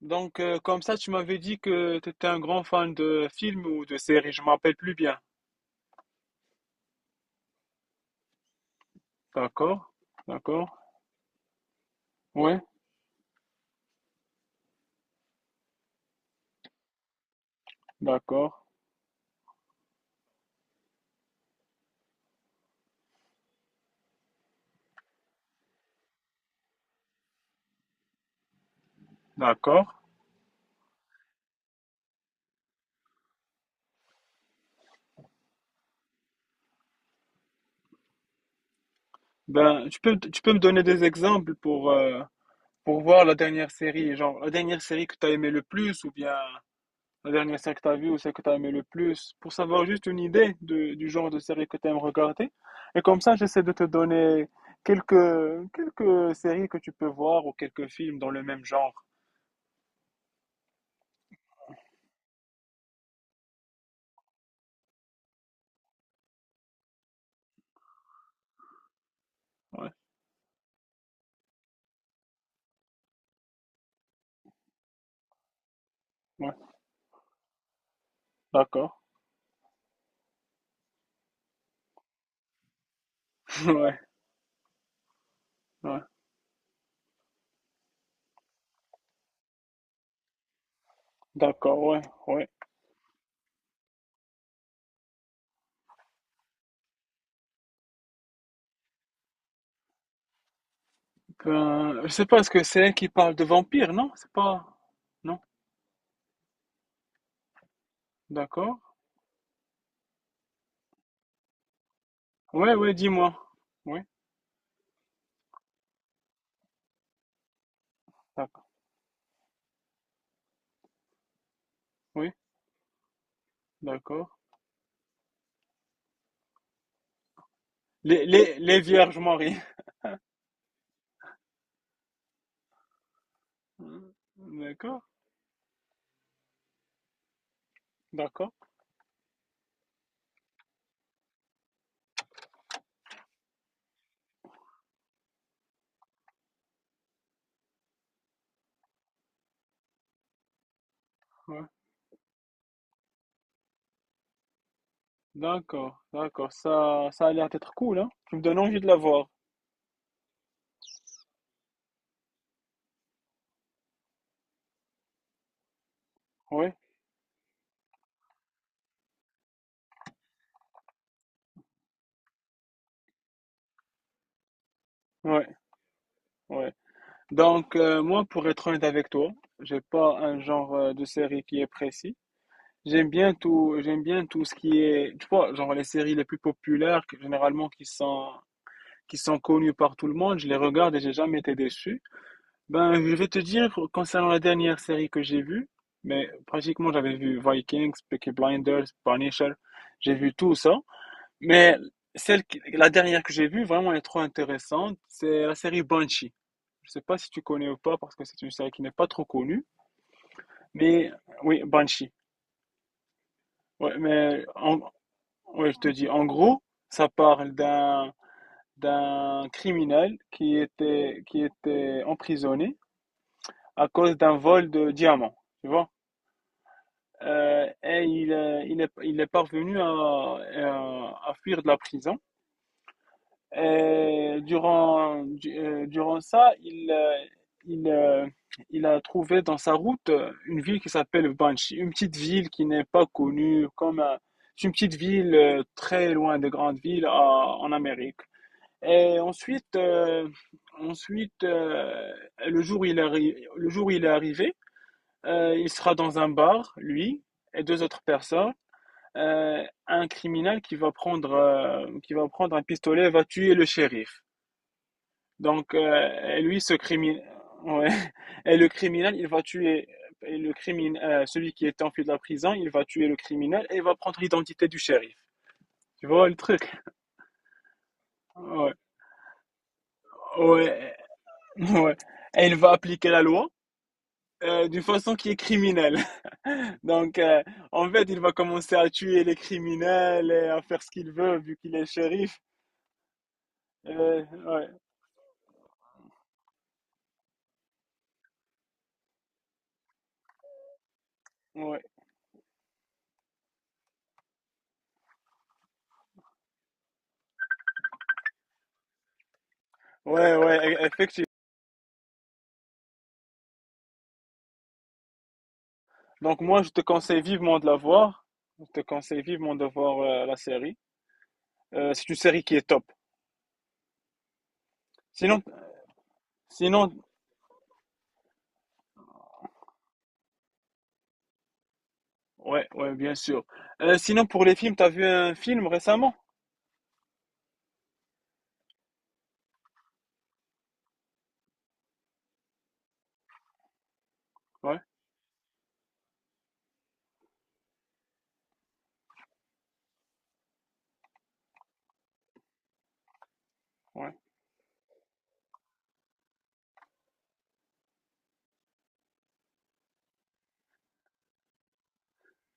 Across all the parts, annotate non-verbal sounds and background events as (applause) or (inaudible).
Comme ça, tu m'avais dit que tu étais un grand fan de films ou de séries, je ne me rappelle plus bien. D'accord, d'accord, ouais, d'accord, d'accord. Ben, tu peux me donner des exemples pour voir la dernière série, genre la dernière série que tu as aimé le plus ou bien la dernière série que tu as vue ou celle que tu as aimé le plus, pour savoir juste une idée de- du genre de série que tu aimes regarder. Et comme ça, j'essaie de te donner quelques, quelques séries que tu peux voir ou quelques films dans le même genre. Ouais, ouais, d'accord. Ouais, ouais. D'accord, ouais, ouais. Je sais pas, est-ce que c'est elle qui parle de vampire, non? C'est pas... Non? D'accord. Ouais, ouais, dis-moi. Oui, d'accord. Oui, d'accord. Les Vierges Marie. (laughs) D'accord, d'accord. Ouais. D'accord, d'accord. Ça a l'air d'être cool, hein? Tu me donnes envie de la voir. Ouais, ouais, ouais. Moi, pour être honnête avec toi, j'ai pas un genre de série qui est précis. J'aime bien tout ce qui est, tu vois, genre les séries les plus populaires, que- généralement qui sont connues par tout le monde, je les regarde et j'ai jamais été déçu. Ben, je vais te dire, concernant la dernière série que j'ai vue, mais pratiquement j'avais vu Vikings, Peaky Blinders, Punisher, j'ai vu tout ça. Mais celle, qui- la dernière que j'ai vue, vraiment elle est trop intéressante, c'est la série Banshee. Je sais pas si tu connais ou pas, parce que c'est une série qui n'est pas trop connue, mais oui, Banshee. Ouais, mais en, ouais, je te dis, en gros, ça parle d'un d'un criminel qui était emprisonné à cause d'un vol de diamants, tu vois. Et il est parvenu à fuir de la prison. Et durant du- durant ça, il euh, il a trouvé dans sa route une ville qui s'appelle Banshee, une petite ville qui n'est pas connue comme un- c'est une petite ville très loin des grandes villes à- en Amérique. Et ensuite, ensuite euh, le jour où il arri- le jour où il est arrivé, il sera dans un bar, lui et deux autres personnes. Un criminel qui va prendre un pistolet et va tuer le shérif. Donc, euh, et lui, ce criminel, ouais. (laughs) Et le criminel, il va tuer et le crimin- celui qui est enfui de la prison, il va tuer le criminel et il va prendre l'identité du shérif. Tu vois le truc? Ouais, ouais, (laughs) ouais. Et il va appliquer la loi d'une façon qui est criminelle. (laughs) Donc, euh, En fait, il va commencer à tuer les criminels et à faire ce qu'il veut vu qu'il est shérif. Ouais, ouais, ouais, ouais, e- effectivement. Donc, moi, je te conseille vivement de la voir. Je te conseille vivement de voir la série. C'est une série qui est top. Sinon, sinon, ouais, ouais, bien sûr. Sinon, pour les films, t'as vu un film récemment? Ouais, ouais,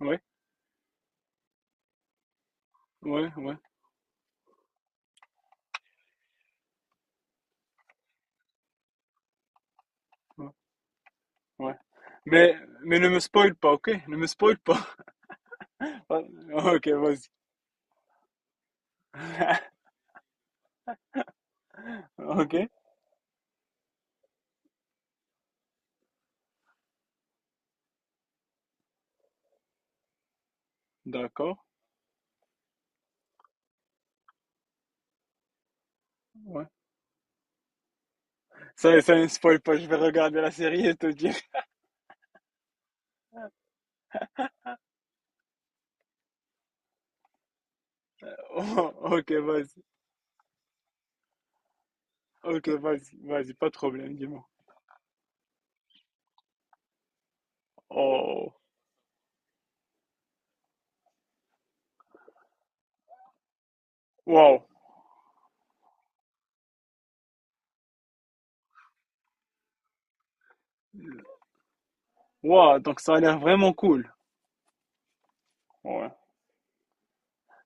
ouais, ouais, ouais, ouais, ouais. Mais, mais ne me spoil pas, ok? Ne me spoil pas. (laughs) Ok, vas-y. Ok, d'accord. Ouais. Ça ne spoil pas, je vais regarder la série et te dire. (laughs) Oh, ok, vas-y. Ok, vas-y, vas-y, pas de problème, dis-moi. Oh, wow. Wow, donc ça a l'air vraiment cool. Ouais.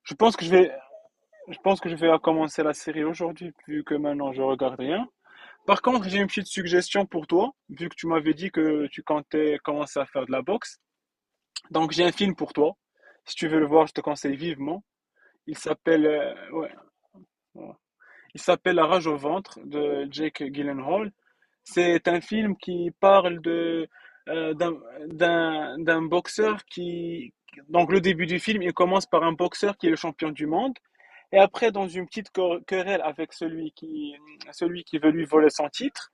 Je pense que je vais, je pense que je vais commencer la série aujourd'hui, vu que maintenant je regarde rien. Par contre, j'ai une petite suggestion pour toi, vu que tu m'avais dit que tu comptais commencer à faire de la boxe. Donc j'ai un film pour toi. Si tu veux le voir, je te conseille vivement. Il s'appelle, ouais. Il s'appelle La rage au ventre de Jake Gyllenhaal. C'est un film qui parle de d'un d'un boxeur qui donc le début du film, il commence par un boxeur qui est le champion du monde et après dans une petite quer- querelle avec celui qui veut lui voler son titre,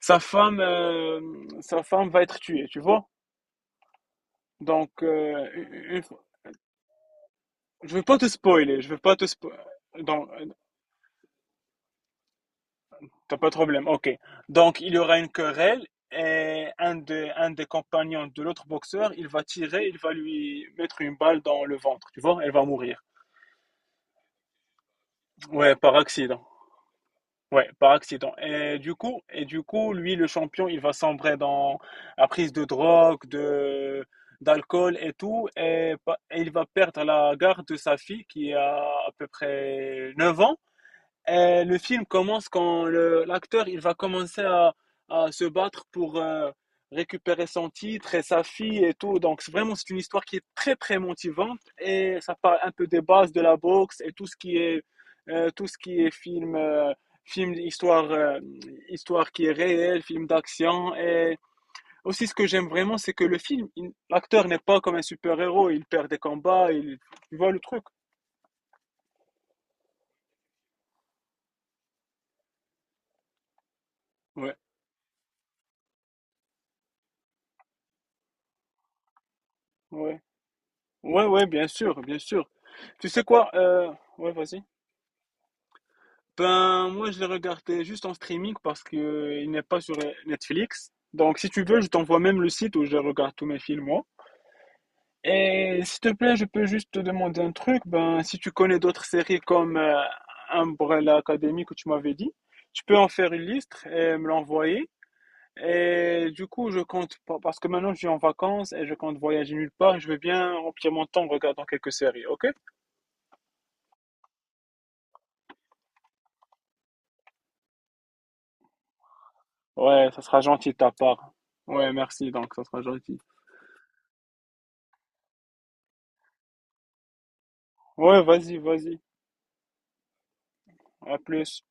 sa femme euh, sa femme va être tuée, tu vois. Une- une- je veux pas te spoiler, je veux pas te spoiler. T'as pas de problème, ok. Donc, il y aura une querelle et un des compagnons de l'autre boxeur, il va tirer, il va lui mettre une balle dans le ventre, tu vois, elle va mourir. Ouais, par accident. Ouais, par accident. Et du coup, lui, le champion, il va sombrer dans la prise de drogue, de d'alcool et tout, et, pa- et il va perdre la garde de sa fille qui a à peu près 9 ans. Et le film commence quand le- l'acteur il va commencer à se battre pour récupérer son titre et sa fille et tout. Donc c'est vraiment c'est une histoire qui est très très motivante et ça parle un peu des bases de la boxe et tout ce qui est tout ce qui est film film histoire histoire qui est réelle, film d'action et aussi ce que j'aime vraiment c'est que le film il- l'acteur n'est pas comme un super-héros, il perd des combats, il voit le truc. Ouais, ouais. Ouais, ouais, bien sûr, bien sûr. Tu sais quoi? Ouais, vas-y. Ben, moi, je l'ai regardé juste en streaming parce que il n'est pas sur Netflix. Donc, si tu veux, je t'envoie même le site où je regarde tous mes films, moi. Et s'il te plaît, je peux juste te demander un truc. Ben, si tu connais d'autres séries comme Umbrella Academy que tu m'avais dit, tu peux en faire une liste et me l'envoyer. Et du coup, je compte pas, parce que maintenant je suis en vacances et je compte voyager nulle part, je veux bien remplir mon temps en regardant quelques séries, ok? Ouais, ça sera gentil de ta part. Ouais, merci, donc ça sera gentil. Ouais, vas-y, vas-y. À plus.